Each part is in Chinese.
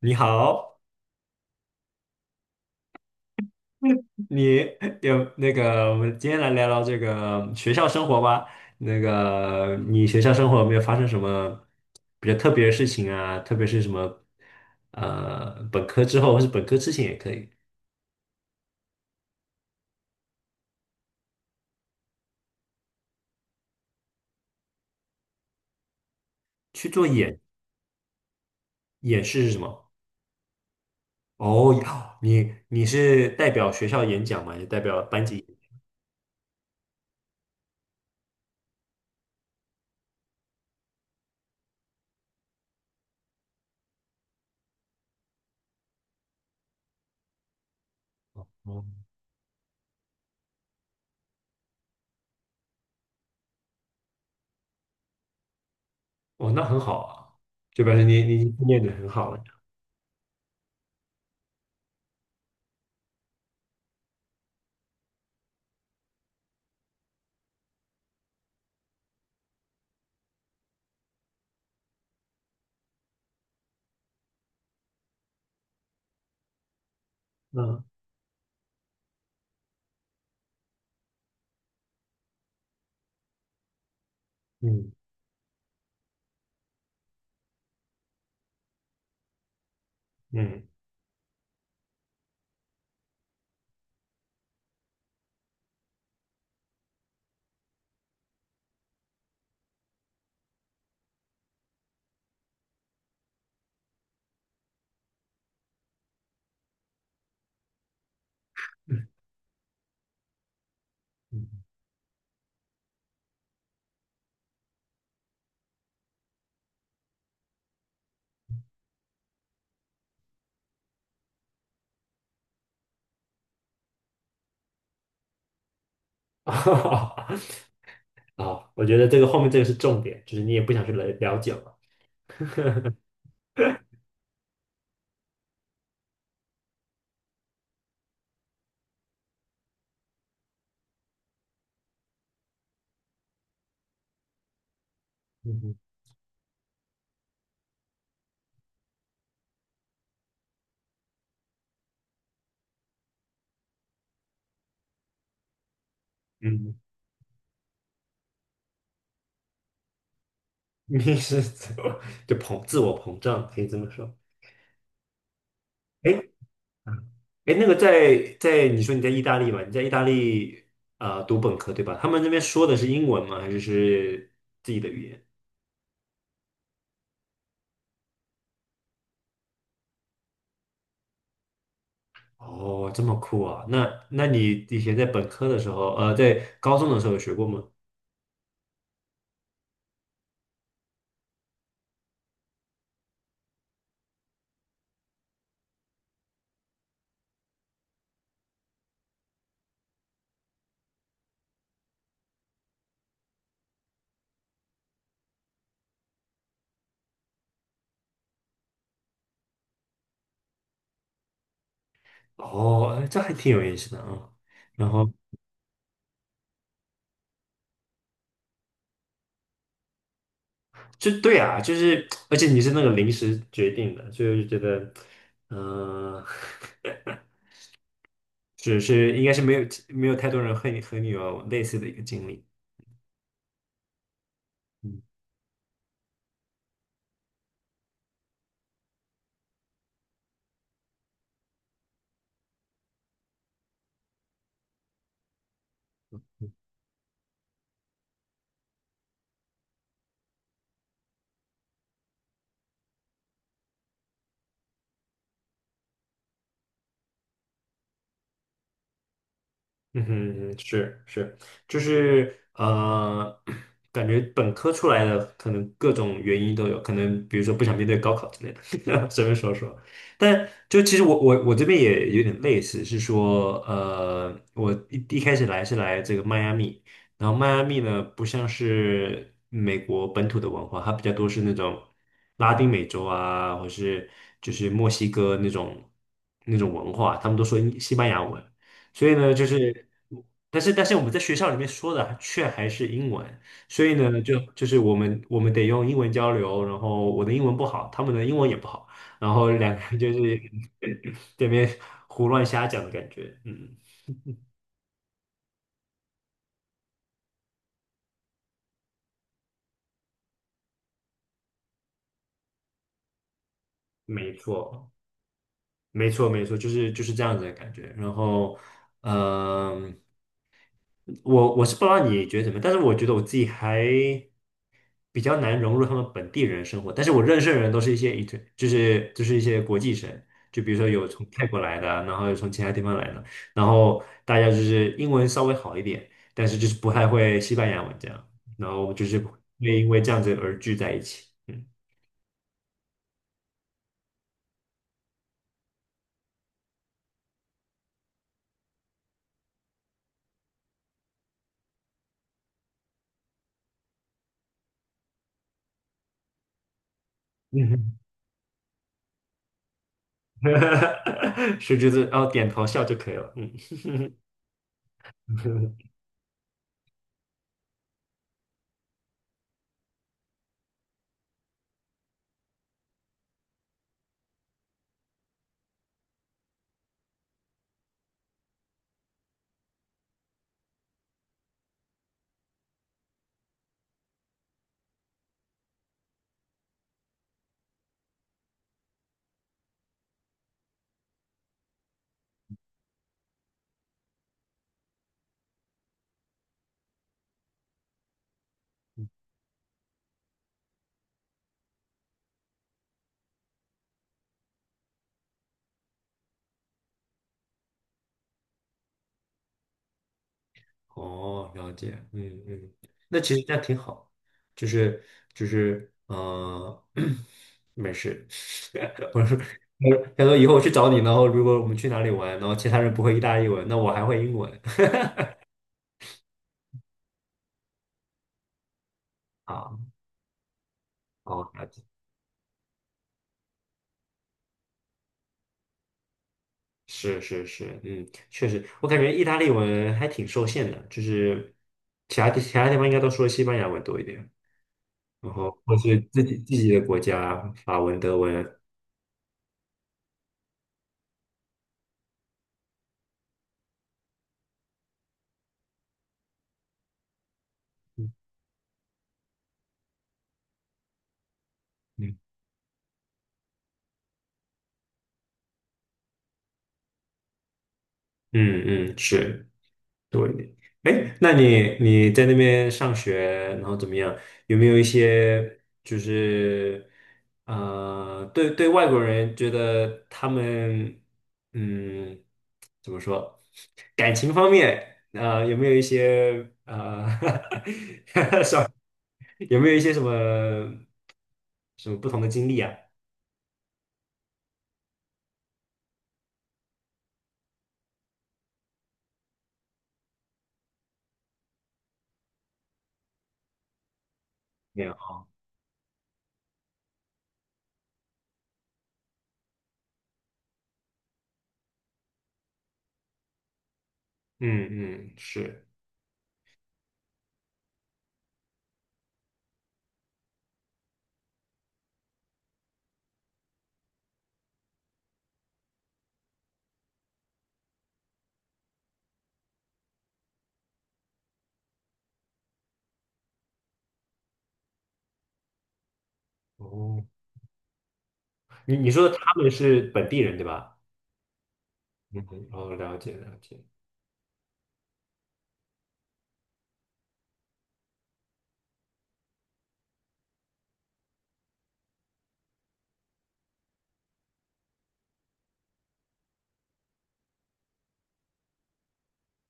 你好，你有那个，我们今天来聊聊这个学校生活吧。那个，你学校生活有没有发生什么比较特别的事情啊？特别是什么，本科之后或是本科之前也可以去做演示是什么？哦，你是代表学校演讲吗？还是代表班级？哦，哦，那很好啊，就表示你训练的很好了。嗯嗯嗯嗯 哈哈啊，我觉得这个后面这个是重点，就是你也不想去了解嘛。嗯哼，嗯，你是怎么就自我膨胀，可以这么说。哎，嗯哎，那个在你说你在意大利嘛？你在意大利读本科对吧？他们那边说的是英文吗？还是是自己的语言？哦，这么酷啊！那那你以前在本科的时候，在高中的时候有学过吗？哦，哎这还挺有意思的啊。然后。就对啊，就是，而且你是那个临时决定的，所以我就觉得，嗯、只 是是，应该是没有太多人和你有类似的一个经历。嗯嗯哼嗯哼是是，就是感觉本科出来的可能各种原因都有，可能比如说不想面对高考之类的，随便说说。但就其实我这边也有点类似，是说我一开始来是来这个迈阿密，然后迈阿密呢不像是美国本土的文化，它比较多是那种拉丁美洲啊，或是就是墨西哥那种文化，他们都说西班牙文。所以呢，就是，但是我们在学校里面说的却还是英文，所以呢，就是我们得用英文交流，然后我的英文不好，他们的英文也不好，然后两个人就是 这边胡乱瞎讲的感觉，嗯，没错，没错，没错，就是就是这样子的感觉，然后，嗯、我我是不知道你觉得怎么样但是我觉得我自己还。比较难融入他们本地人生活。但是我认识的人都是一些 i n 就是一些国际生，就比如说有从泰国来的啊，然后有从其他地方来的，然后大家就是英文稍微好一点，但是就是不太会西班牙文这样，然后就是会因为这样子而聚在一起。嗯嗯哼，是就是哦，点头笑就可以了。嗯。哦，了解，嗯嗯，那其实这样挺好，就是就是嗯，没事，我说我他说以后我去找你，然后如果我们去哪里玩，然后其他人不会意大利文，那我还会英文 啊，哦，了解，是是是，嗯，确实，我感觉意大利文还挺受限的，就是其他地方应该都说西班牙文多一点，然后或是自己的国家法文、德文，嗯嗯嗯，是。对，哎，那你你在那边上学，然后怎么样？有没有一些就是对对外国人觉得他们嗯怎么说，感情方面有没有一些有没有一些什么不同的经历啊？没有哈，嗯嗯是哦，你说他们是本地人对吧？嗯，哦，了解了解，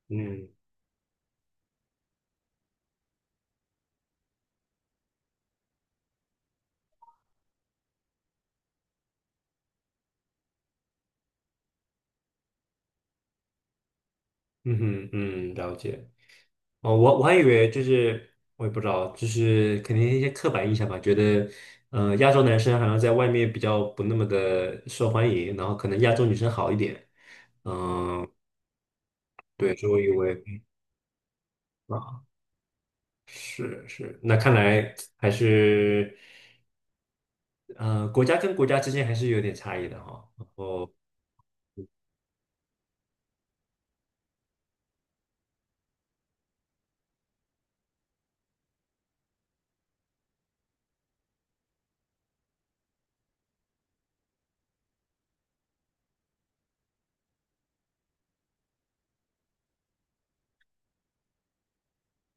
嗯。嗯哼，嗯，了解。哦，我还以为就是，我也不知道，就是肯定一些刻板印象吧，觉得，亚洲男生好像在外面比较不那么的受欢迎，然后可能亚洲女生好一点。对，所以我以为啊，是是，那看来还是，国家跟国家之间还是有点差异的哈、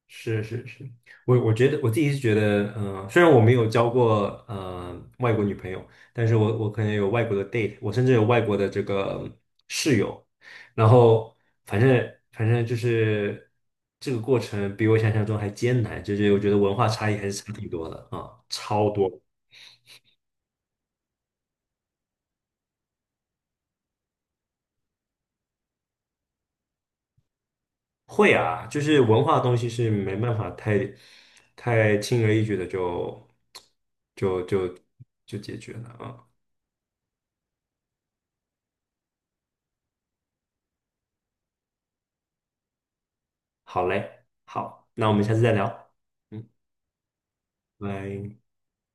是是是，我觉得我自己是觉得，嗯，虽然我没有交过外国女朋友，但是我可能有外国的 date，我甚至有外国的这个室友，然后反正就是这个过程比我想象中还艰难，就是我觉得文化差异还是差挺多的啊，超多。会啊，就是文化东西是没办法太轻而易举的就就就就解决了啊。好嘞，好，那我们下次再聊，嗯，拜。